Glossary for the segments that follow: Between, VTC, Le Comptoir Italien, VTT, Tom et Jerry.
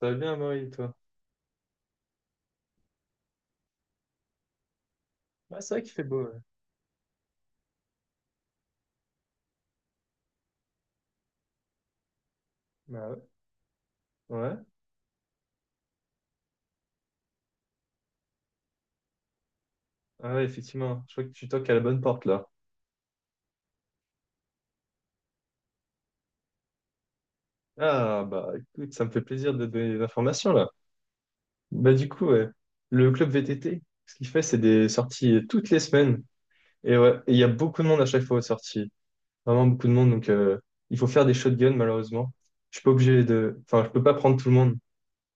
Ça va bien, Marie, toi? Ouais, c'est vrai qu'il fait beau, ouais. Bah ouais. Ouais. Ah ouais, effectivement. Je crois que tu toques à la bonne porte, là. Ah, bah écoute, ça me fait plaisir de donner des informations, là. Bah du coup, ouais. Le club VTT, ce qu'il fait, c'est des sorties toutes les semaines. Et ouais, et il y a beaucoup de monde à chaque fois aux sorties. Vraiment beaucoup de monde, donc il faut faire des shotguns, malheureusement. Je suis pas obligé de... Enfin, je peux pas prendre tout le monde.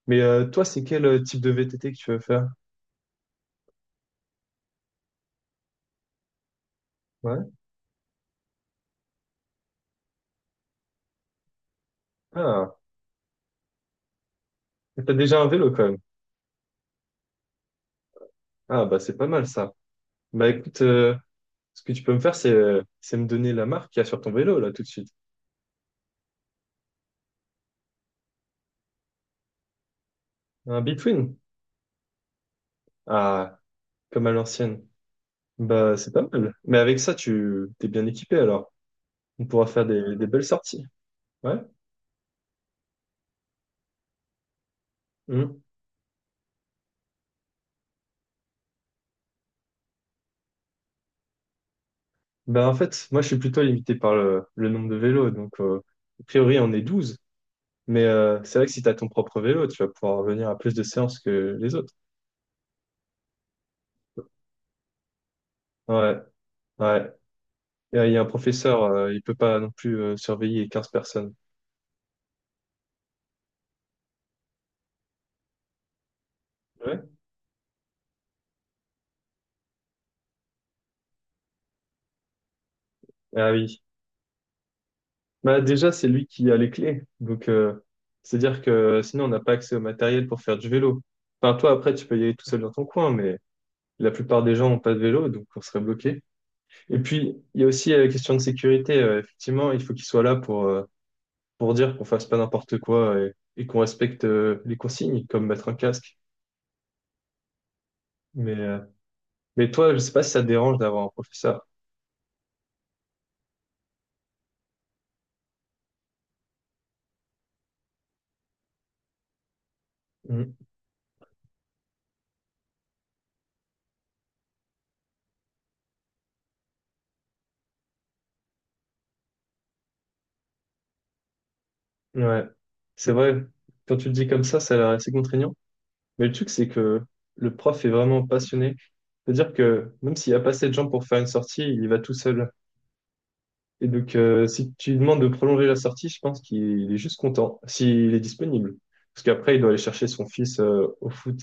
Mais toi, c'est quel type de VTT que tu veux faire? Ouais. Ah, t'as déjà un vélo, quand même. Ah, bah c'est pas mal, ça. Bah écoute. Ce que tu peux me faire, c'est me donner la marque qu'il y a sur ton vélo, là, tout de suite. Un Between. Ah, comme à l'ancienne. Bah, c'est pas mal. Mais avec ça, tu t'es bien équipé, alors. On pourra faire des belles sorties. Ouais. Mhm. Bah, en fait, moi, je suis plutôt limité par le nombre de vélos. Donc, a priori, on est 12. Mais c'est vrai que si tu as ton propre vélo, tu vas pouvoir venir à plus de séances que les autres. Ouais, ouais. Et il y a un professeur, il peut pas non plus surveiller 15 personnes. Ouais. Ah oui. Bah, déjà, c'est lui qui a les clés. Donc, c'est-à-dire que sinon, on n'a pas accès au matériel pour faire du vélo. Enfin, toi, après, tu peux y aller tout seul dans ton coin, mais la plupart des gens n'ont pas de vélo, donc on serait bloqué. Et puis, il y a aussi la question de sécurité. Effectivement, il faut qu'il soit là pour dire qu'on fasse pas n'importe quoi et qu'on respecte les consignes, comme mettre un casque. Mais, euh, mais toi, je sais pas si ça te dérange d'avoir un professeur. Mhm. Ouais, c'est vrai. Quand tu le dis comme ça a l'air assez contraignant. Mais le truc, c'est que le prof est vraiment passionné. C'est-à-dire que même s'il n'y a pas assez de gens pour faire une sortie, il y va tout seul. Et donc, si tu lui demandes de prolonger la sortie, je pense qu'il est juste content, s'il est disponible. Parce qu'après, il doit aller chercher son fils au foot.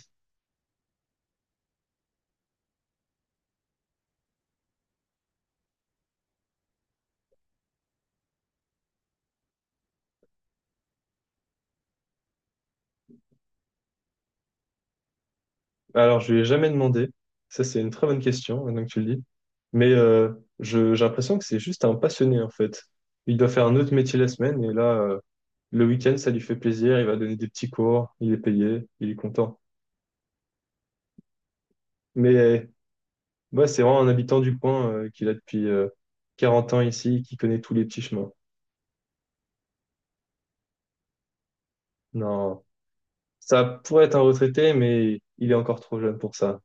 Alors, je lui ai jamais demandé. Ça, c'est une très bonne question, maintenant que tu le dis. Mais j'ai l'impression que c'est juste un passionné, en fait. Il doit faire un autre métier la semaine, et là, le week-end, ça lui fait plaisir. Il va donner des petits cours, il est payé, il est content. Mais. Moi, c'est vraiment un habitant du coin qui est là depuis 40 ans ici, qui connaît tous les petits chemins. Non, ça pourrait être un retraité, mais il est encore trop jeune pour ça.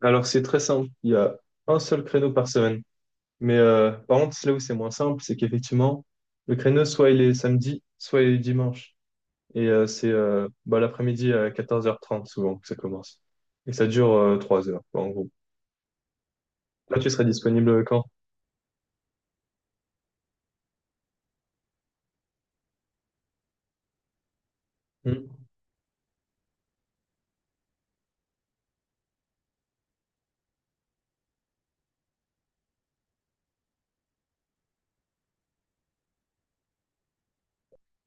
Alors, c'est très simple. Il y a un seul créneau par semaine. Mais par contre, c'est là où c'est moins simple, c'est qu'effectivement, le créneau, soit il est samedi, soit il est dimanche. Et c'est l'après-midi à 14h30 souvent que ça commence. Et ça dure 3 heures, quoi, en gros. Là, tu serais disponible quand? Hmm.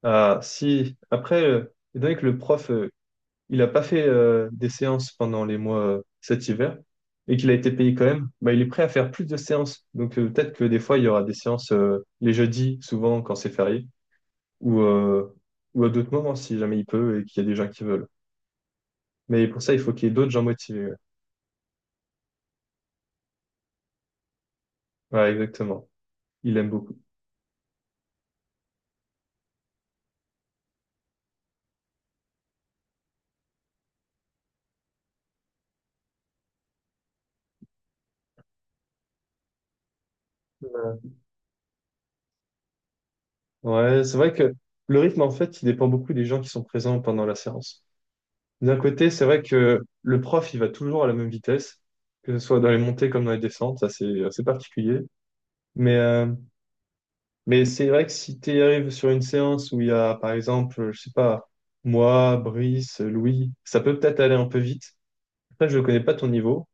Ah, si. Après, étant donné que le prof, il n'a pas fait des séances pendant les mois cet hiver et qu'il a été payé quand même, bah, il est prêt à faire plus de séances. Donc, peut-être que des fois, il y aura des séances les jeudis, souvent quand c'est férié, ou, euh, ou à d'autres moments si jamais il peut et qu'il y a des gens qui veulent. Mais pour ça, il faut qu'il y ait d'autres gens motivés. Ouais, ouais, exactement. Il aime beaucoup. Ouais, c'est vrai que le rythme, en fait, il dépend beaucoup des gens qui sont présents pendant la séance. D'un côté, c'est vrai que le prof, il va toujours à la même vitesse, que ce soit dans les montées comme dans les descentes, ça c'est assez particulier. Mais, euh, mais c'est vrai que si tu arrives sur une séance où il y a, par exemple, je sais pas, moi, Brice, Louis, ça peut peut-être aller un peu vite. Après, je ne connais pas ton niveau,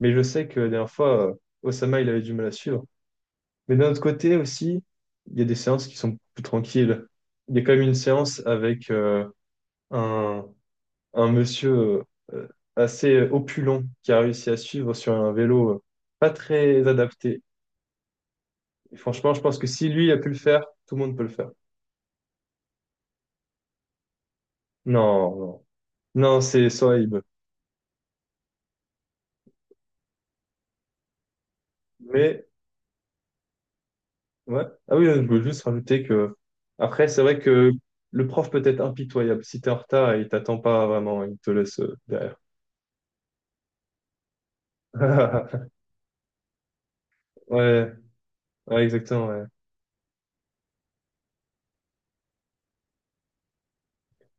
mais je sais que la dernière fois, Osama, il avait du mal à suivre. Mais d'un autre côté aussi, il y a des séances qui sont plus tranquilles. Il y a quand même une séance avec un un monsieur euh, assez opulent qui a réussi à suivre sur un vélo pas très adapté. Et franchement, je pense que si lui a pu le faire, tout le monde peut le faire. Non, non, non, c'est Sohaib. Mais, ouais. Ah oui, je voulais juste rajouter que, après, c'est vrai que le prof peut être impitoyable. Si t'es en retard, il t'attend pas vraiment, il te laisse derrière. Ouais, ouais, exactement, ouais.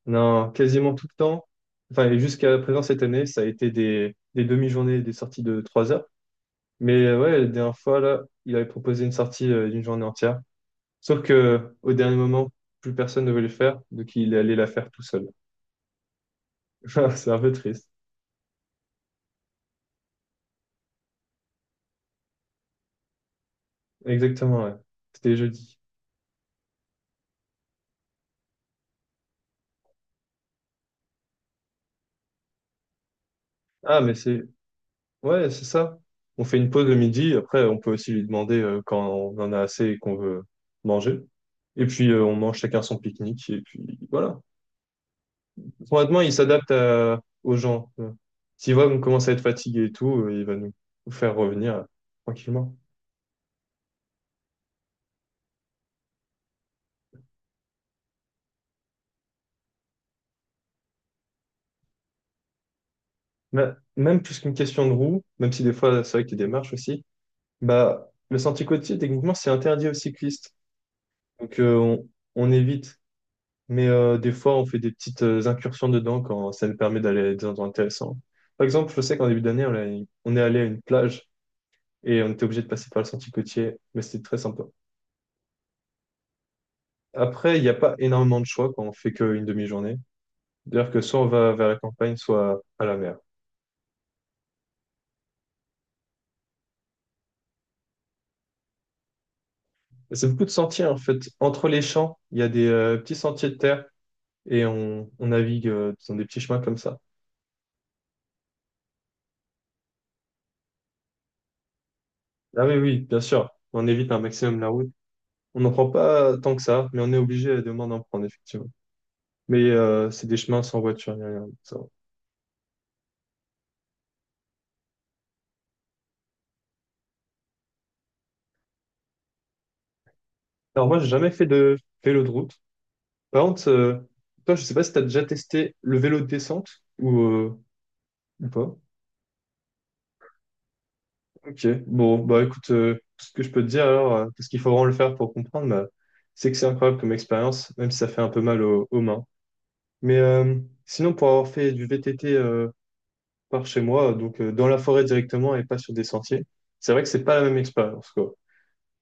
Non, quasiment tout le temps. Enfin, et jusqu'à présent cette année, ça a été des demi-journées, des sorties de 3 heures. Mais ouais, la dernière fois, là, il avait proposé une sortie d'une journée entière. Sauf que au dernier moment, plus personne ne voulait le faire, donc il est allé la faire tout seul. C'est un peu triste. Exactement, ouais. C'était jeudi. Ah, mais c'est... Ouais, c'est ça. On fait une pause le midi, après on peut aussi lui demander quand on en a assez et qu'on veut manger. Et puis on mange chacun son pique-nique, et puis voilà. Honnêtement, il s'adapte aux gens. S'il voit qu'on commence à être fatigué et tout, il va nous faire revenir tranquillement. Bah, même plus qu'une question de roue, même si des fois c'est vrai qu'il y a des marches aussi, bah, le sentier côtier, techniquement, c'est interdit aux cyclistes. Donc on évite. Mais des fois, on fait des petites incursions dedans quand ça nous permet d'aller à des endroits intéressants. Par exemple, je sais qu'en début d'année, on est allé à une plage et on était obligé de passer par le sentier côtier, mais c'était très sympa. Après, il n'y a pas énormément de choix quand on fait qu'une demi-journée. D'ailleurs que soit on va vers la campagne, soit à la mer. Et c'est beaucoup de sentiers en fait. Entre les champs, il y a des petits sentiers de terre et on navigue dans des petits chemins comme ça. Ah oui, oui, bien sûr, on évite un maximum la route. On n'en prend pas tant que ça, mais on est obligé à demain d'en prendre, effectivement. Mais c'est des chemins sans voiture, ni rien. Ça va. Alors moi, j'ai jamais fait de vélo de route. Par contre, toi, je sais pas si tu as déjà testé le vélo de descente ou, euh, ou pas. Ok, bon, bah écoute, tout ce que je peux te dire alors, parce qu'il faut vraiment le faire pour comprendre, bah, c'est que c'est incroyable comme expérience, même si ça fait un peu mal aux mains. Mais sinon, pour avoir fait du VTT par chez moi, donc dans la forêt directement et pas sur des sentiers. C'est vrai que c'est pas la même expérience, quoi.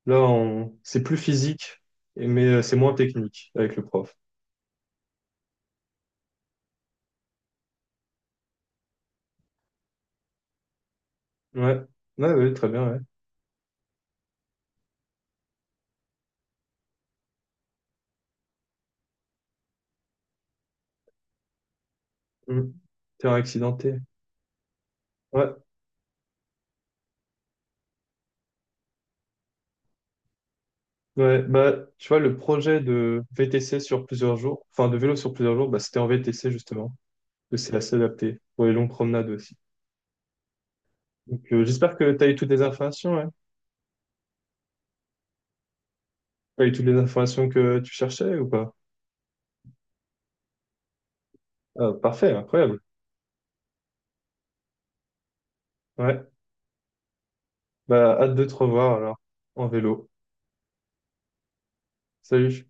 Là, c'est plus physique, mais c'est moins technique avec le prof. Ouais, ouais, ouais, très bien, ouais. Mm. Terrain accidenté. Ouais, ouais. Bah, tu vois, le projet de VTC sur plusieurs jours, enfin de vélo sur plusieurs jours, bah, c'était en VTC justement, que c'est assez adapté pour les longues promenades aussi. Donc, j'espère que tu as eu toutes les informations, ouais. Tu as eu toutes les informations que tu cherchais ou pas? Ah, parfait, incroyable. Ouais. Bah, hâte de te revoir alors, en vélo. Salut.